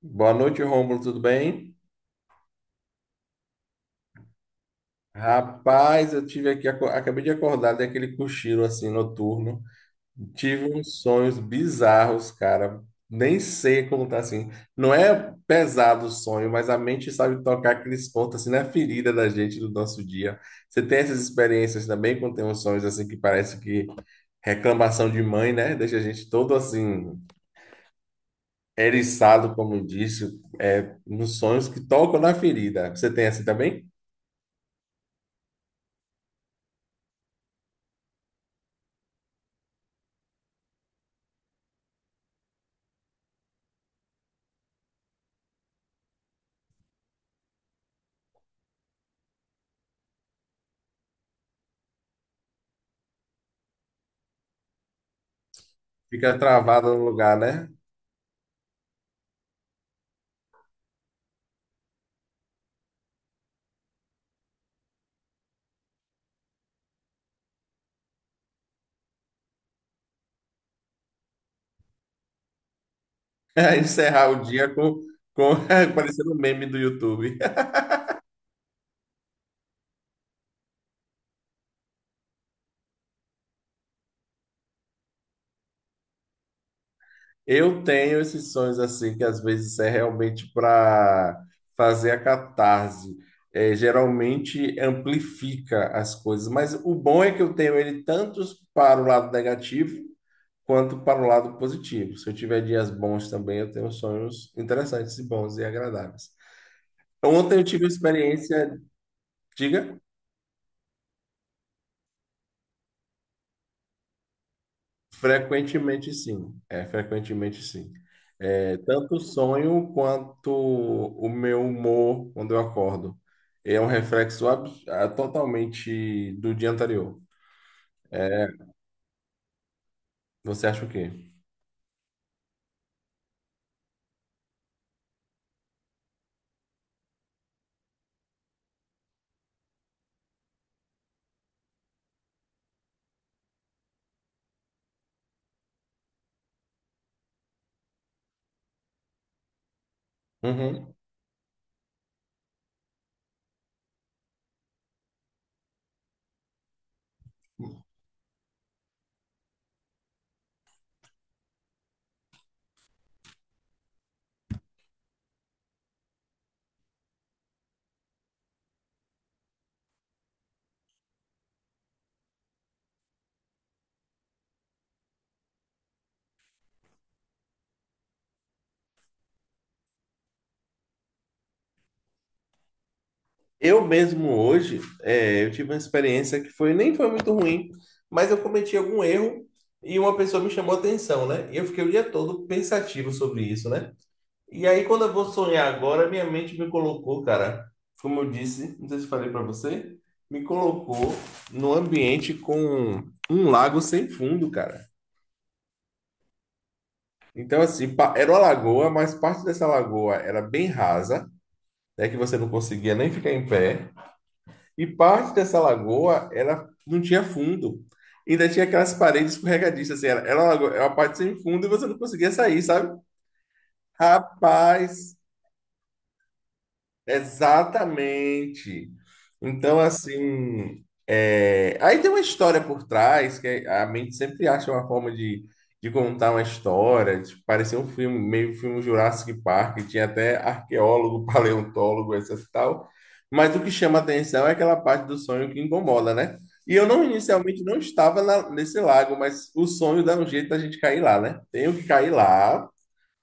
Boa noite, Rômulo, tudo bem? Rapaz, eu tive aqui, acabei de acordar daquele cochilo assim noturno. Tive uns sonhos bizarros, cara. Nem sei como tá assim. Não é pesado o sonho, mas a mente sabe tocar aqueles pontos assim na ferida da gente do nosso dia. Você tem essas experiências também quando tem uns sonhos assim que parece que reclamação de mãe, né? Deixa a gente todo assim eriçado, como disse, nos sonhos que tocam na ferida. Você tem assim também? Fica travado no lugar, né? Encerrar o dia com parecendo um meme do YouTube. Eu tenho esses sonhos assim, que às vezes é realmente para fazer a catarse. Geralmente amplifica as coisas, mas o bom é que eu tenho ele tanto para o lado negativo quanto para o lado positivo. Se eu tiver dias bons também, eu tenho sonhos interessantes e bons e agradáveis. Ontem eu tive uma experiência, diga. Frequentemente sim. É tanto o sonho quanto o meu humor quando eu acordo. É um reflexo totalmente do dia anterior. Você acha o quê? Uhum. Eu mesmo hoje, eu tive uma experiência que foi nem foi muito ruim, mas eu cometi algum erro e uma pessoa me chamou a atenção, né? E eu fiquei o dia todo pensativo sobre isso, né? E aí, quando eu vou sonhar agora, minha mente me colocou, cara, como eu disse, não sei se falei para você, me colocou num ambiente com um lago sem fundo, cara. Então, assim, era uma lagoa, mas parte dessa lagoa era bem rasa, né, que você não conseguia nem ficar em pé, e parte dessa lagoa não tinha fundo. Ainda tinha aquelas paredes escorregadiças, assim, era uma parte sem fundo e você não conseguia sair, sabe? Rapaz, exatamente. Então, assim, aí tem uma história por trás, que a mente sempre acha uma forma de contar uma história, de parecer um filme, meio filme Jurassic Park, tinha até arqueólogo, paleontólogo, essas tal. Mas o que chama atenção é aquela parte do sonho que incomoda, né? E eu não, inicialmente não estava nesse lago, mas o sonho dá um jeito da gente cair lá, né? Tenho que cair lá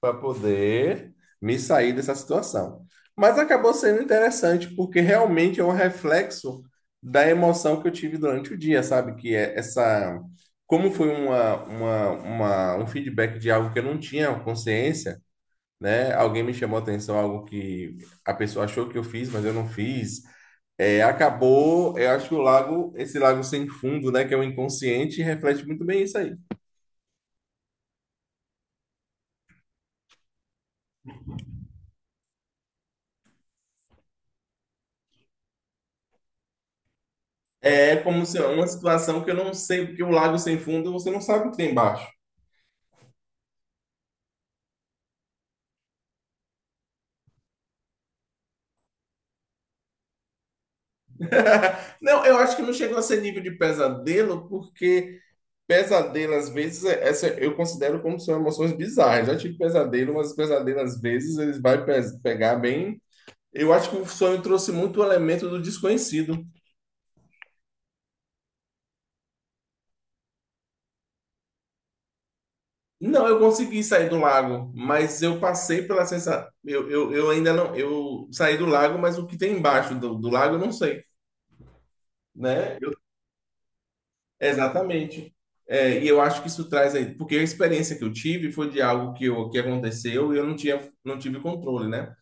para poder me sair dessa situação. Mas acabou sendo interessante, porque realmente é um reflexo da emoção que eu tive durante o dia, sabe? Que é essa. Como foi um feedback de algo que eu não tinha consciência, né? Alguém me chamou a atenção, algo que a pessoa achou que eu fiz, mas eu não fiz. É, acabou, eu acho que o lago, esse lago sem fundo, né? Que é o inconsciente, reflete muito bem isso aí. É como se é uma situação que eu não sei, porque o lago sem fundo você não sabe o que tem embaixo. Não, eu acho que não chegou a ser nível de pesadelo, porque pesadelo às vezes é- essa eu considero como são emoções bizarras. Já tive pesadelo, mas pesadelo às vezes pegar bem. Eu acho que o sonho trouxe muito o elemento do desconhecido. Não, eu consegui sair do lago, mas eu passei pela sensação. Eu ainda não. Eu saí do lago, mas o que tem embaixo do lago eu não sei, né? Exatamente. É, e eu acho que isso traz aí, porque a experiência que eu tive foi de algo que aconteceu e eu não tinha, não tive controle, né?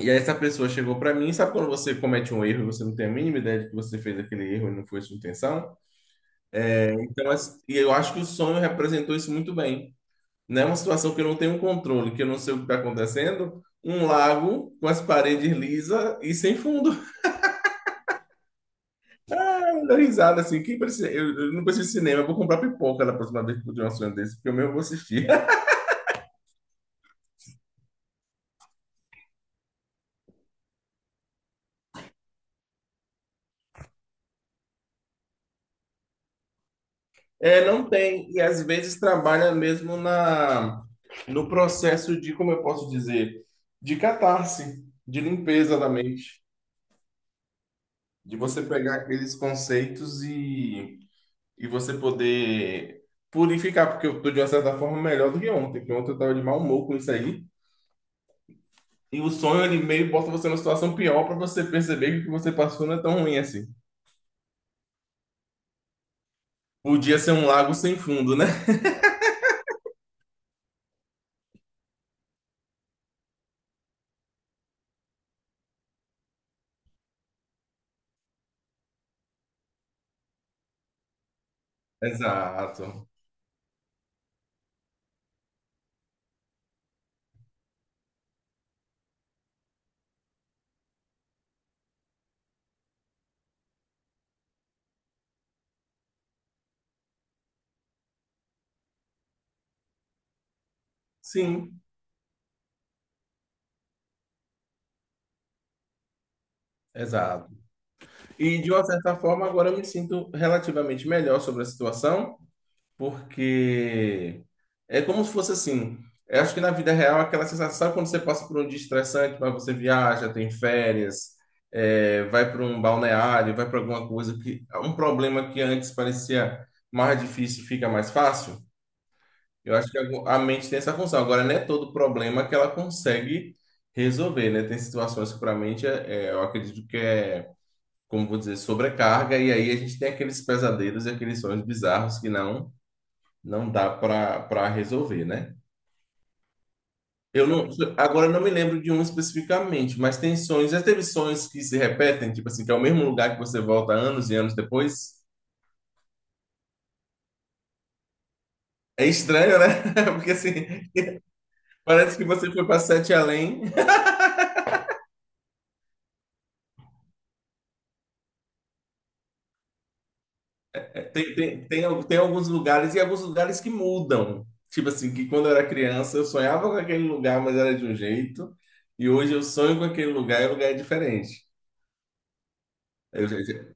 E aí essa pessoa chegou para mim, sabe quando você comete um erro e você não tem a mínima ideia de que você fez aquele erro e não foi sua intenção? Então, e eu acho que o sonho representou isso muito bem. Né, uma situação que eu não tenho um controle, que eu não sei o que está acontecendo, um lago com as paredes lisas e sem fundo. Eu dou risada assim, que precisa, eu não preciso de cinema, eu vou comprar pipoca na próxima vez que eu tiver um sonho desse, porque eu mesmo vou assistir. É, não tem, e às vezes trabalha mesmo na no processo de, como eu posso dizer, de catarse, de limpeza da mente, de você pegar aqueles conceitos e você poder purificar, porque eu estou de uma certa forma melhor do que ontem, porque ontem eu estava de mau humor com isso aí, e o sonho ele meio bota você numa situação pior para você perceber que o que você passou não é tão ruim assim. Podia ser um lago sem fundo, né? Exato. Sim, exato. E de uma certa forma, agora eu me sinto relativamente melhor sobre a situação, porque é como se fosse assim. Eu acho que na vida real, aquela sensação, sabe quando você passa por um dia estressante, mas você viaja, tem férias, vai para um balneário, vai para alguma coisa que um problema que antes parecia mais difícil fica mais fácil. Eu acho que a mente tem essa função. Agora, não é todo problema que ela consegue resolver, né? Tem situações que para a mente, eu acredito que é como vou dizer, sobrecarga, e aí a gente tem aqueles pesadelos e aqueles sonhos bizarros que não dá para resolver, né? Eu não, agora eu não me lembro de um especificamente, mas tem sonhos. Já teve sonhos que se repetem, tipo assim, que é o mesmo lugar que você volta anos e anos depois? É estranho, né? Porque assim, parece que você foi para sete além. Tem alguns lugares e alguns lugares que mudam. Tipo assim, que quando eu era criança eu sonhava com aquele lugar, mas era de um jeito. E hoje eu sonho com aquele lugar e o lugar é diferente. Eu- eu-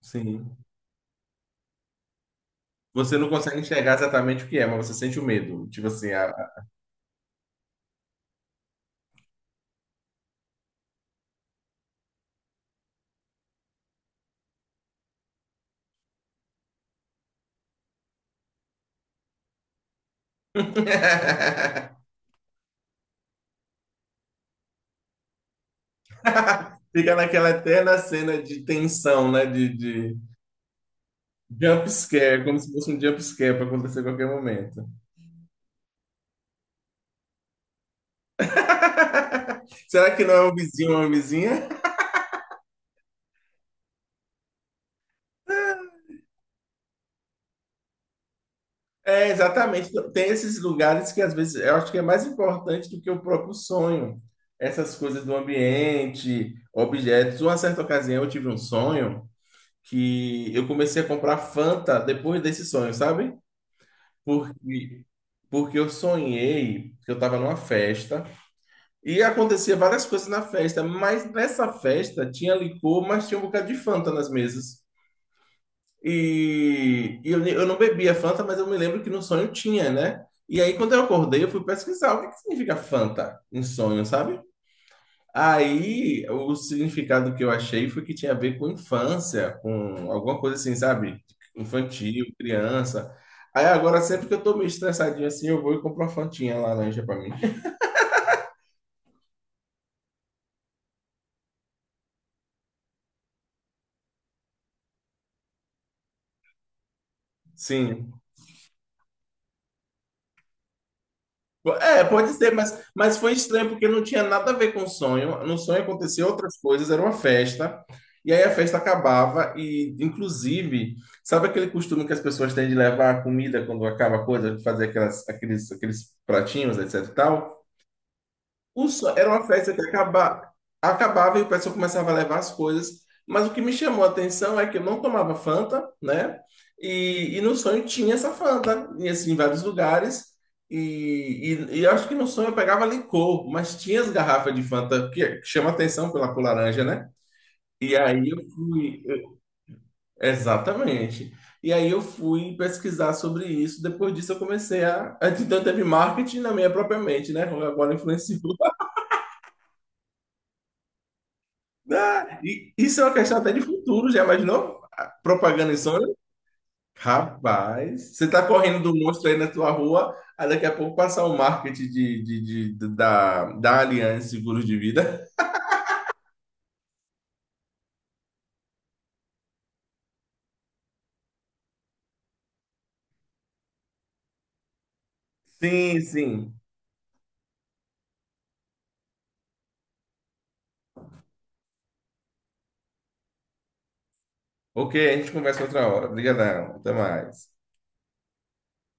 sim. Você não consegue enxergar exatamente o que é, mas você sente o medo. Tipo assim, fica naquela eterna cena de tensão, né? De jump scare, como se fosse um jump scare para acontecer a qualquer momento. Será que não é um vizinho ou uma vizinha? É, exatamente. Tem esses lugares que às vezes eu acho que é mais importante do que o próprio sonho. Essas coisas do ambiente, objetos. Uma certa ocasião eu tive um sonho que eu comecei a comprar Fanta depois desse sonho, sabe? Porque, porque eu sonhei que eu estava numa festa e acontecia várias coisas na festa, mas nessa festa tinha licor, mas tinha um bocado de Fanta nas mesas. Eu não bebia Fanta, mas eu me lembro que no sonho tinha, né? E aí, quando eu acordei, eu fui pesquisar o que que significa Fanta em sonho, sabe? Aí, o significado que eu achei foi que tinha a ver com infância, com alguma coisa assim, sabe? Infantil, criança. Aí agora, sempre que eu tô meio estressadinho assim, eu vou e compro uma fantinha laranja pra mim. Sim. É, pode ser, mas foi estranho porque não tinha nada a ver com o sonho. No sonho aconteciam outras coisas, era uma festa. E aí a festa acabava e, inclusive, sabe aquele costume que as pessoas têm de levar a comida quando acaba a coisa, de fazer aquelas, aqueles pratinhos, etc e tal? Era uma festa que acabava e o pessoal começava a levar as coisas. Mas o que me chamou a atenção é que eu não tomava Fanta, né? E no sonho tinha essa Fanta, e assim, em vários lugares. E eu acho que no sonho eu pegava licor, mas tinha as garrafas de Fanta, que chama atenção pela cor laranja, né? E aí eu fui. Eu- Exatamente. E aí eu fui pesquisar sobre isso. Depois disso eu comecei a. Antes então teve marketing na minha própria mente, né? Agora influenciou. Ah, e isso é uma questão até de futuro, já imaginou? A Propaganda insônia? Rapaz, você tá correndo do monstro aí na tua rua, aí daqui a pouco passar o marketing da Aliança Seguros de Vida. Sim, sim. Ok, a gente conversa outra hora. Obrigadão, até mais.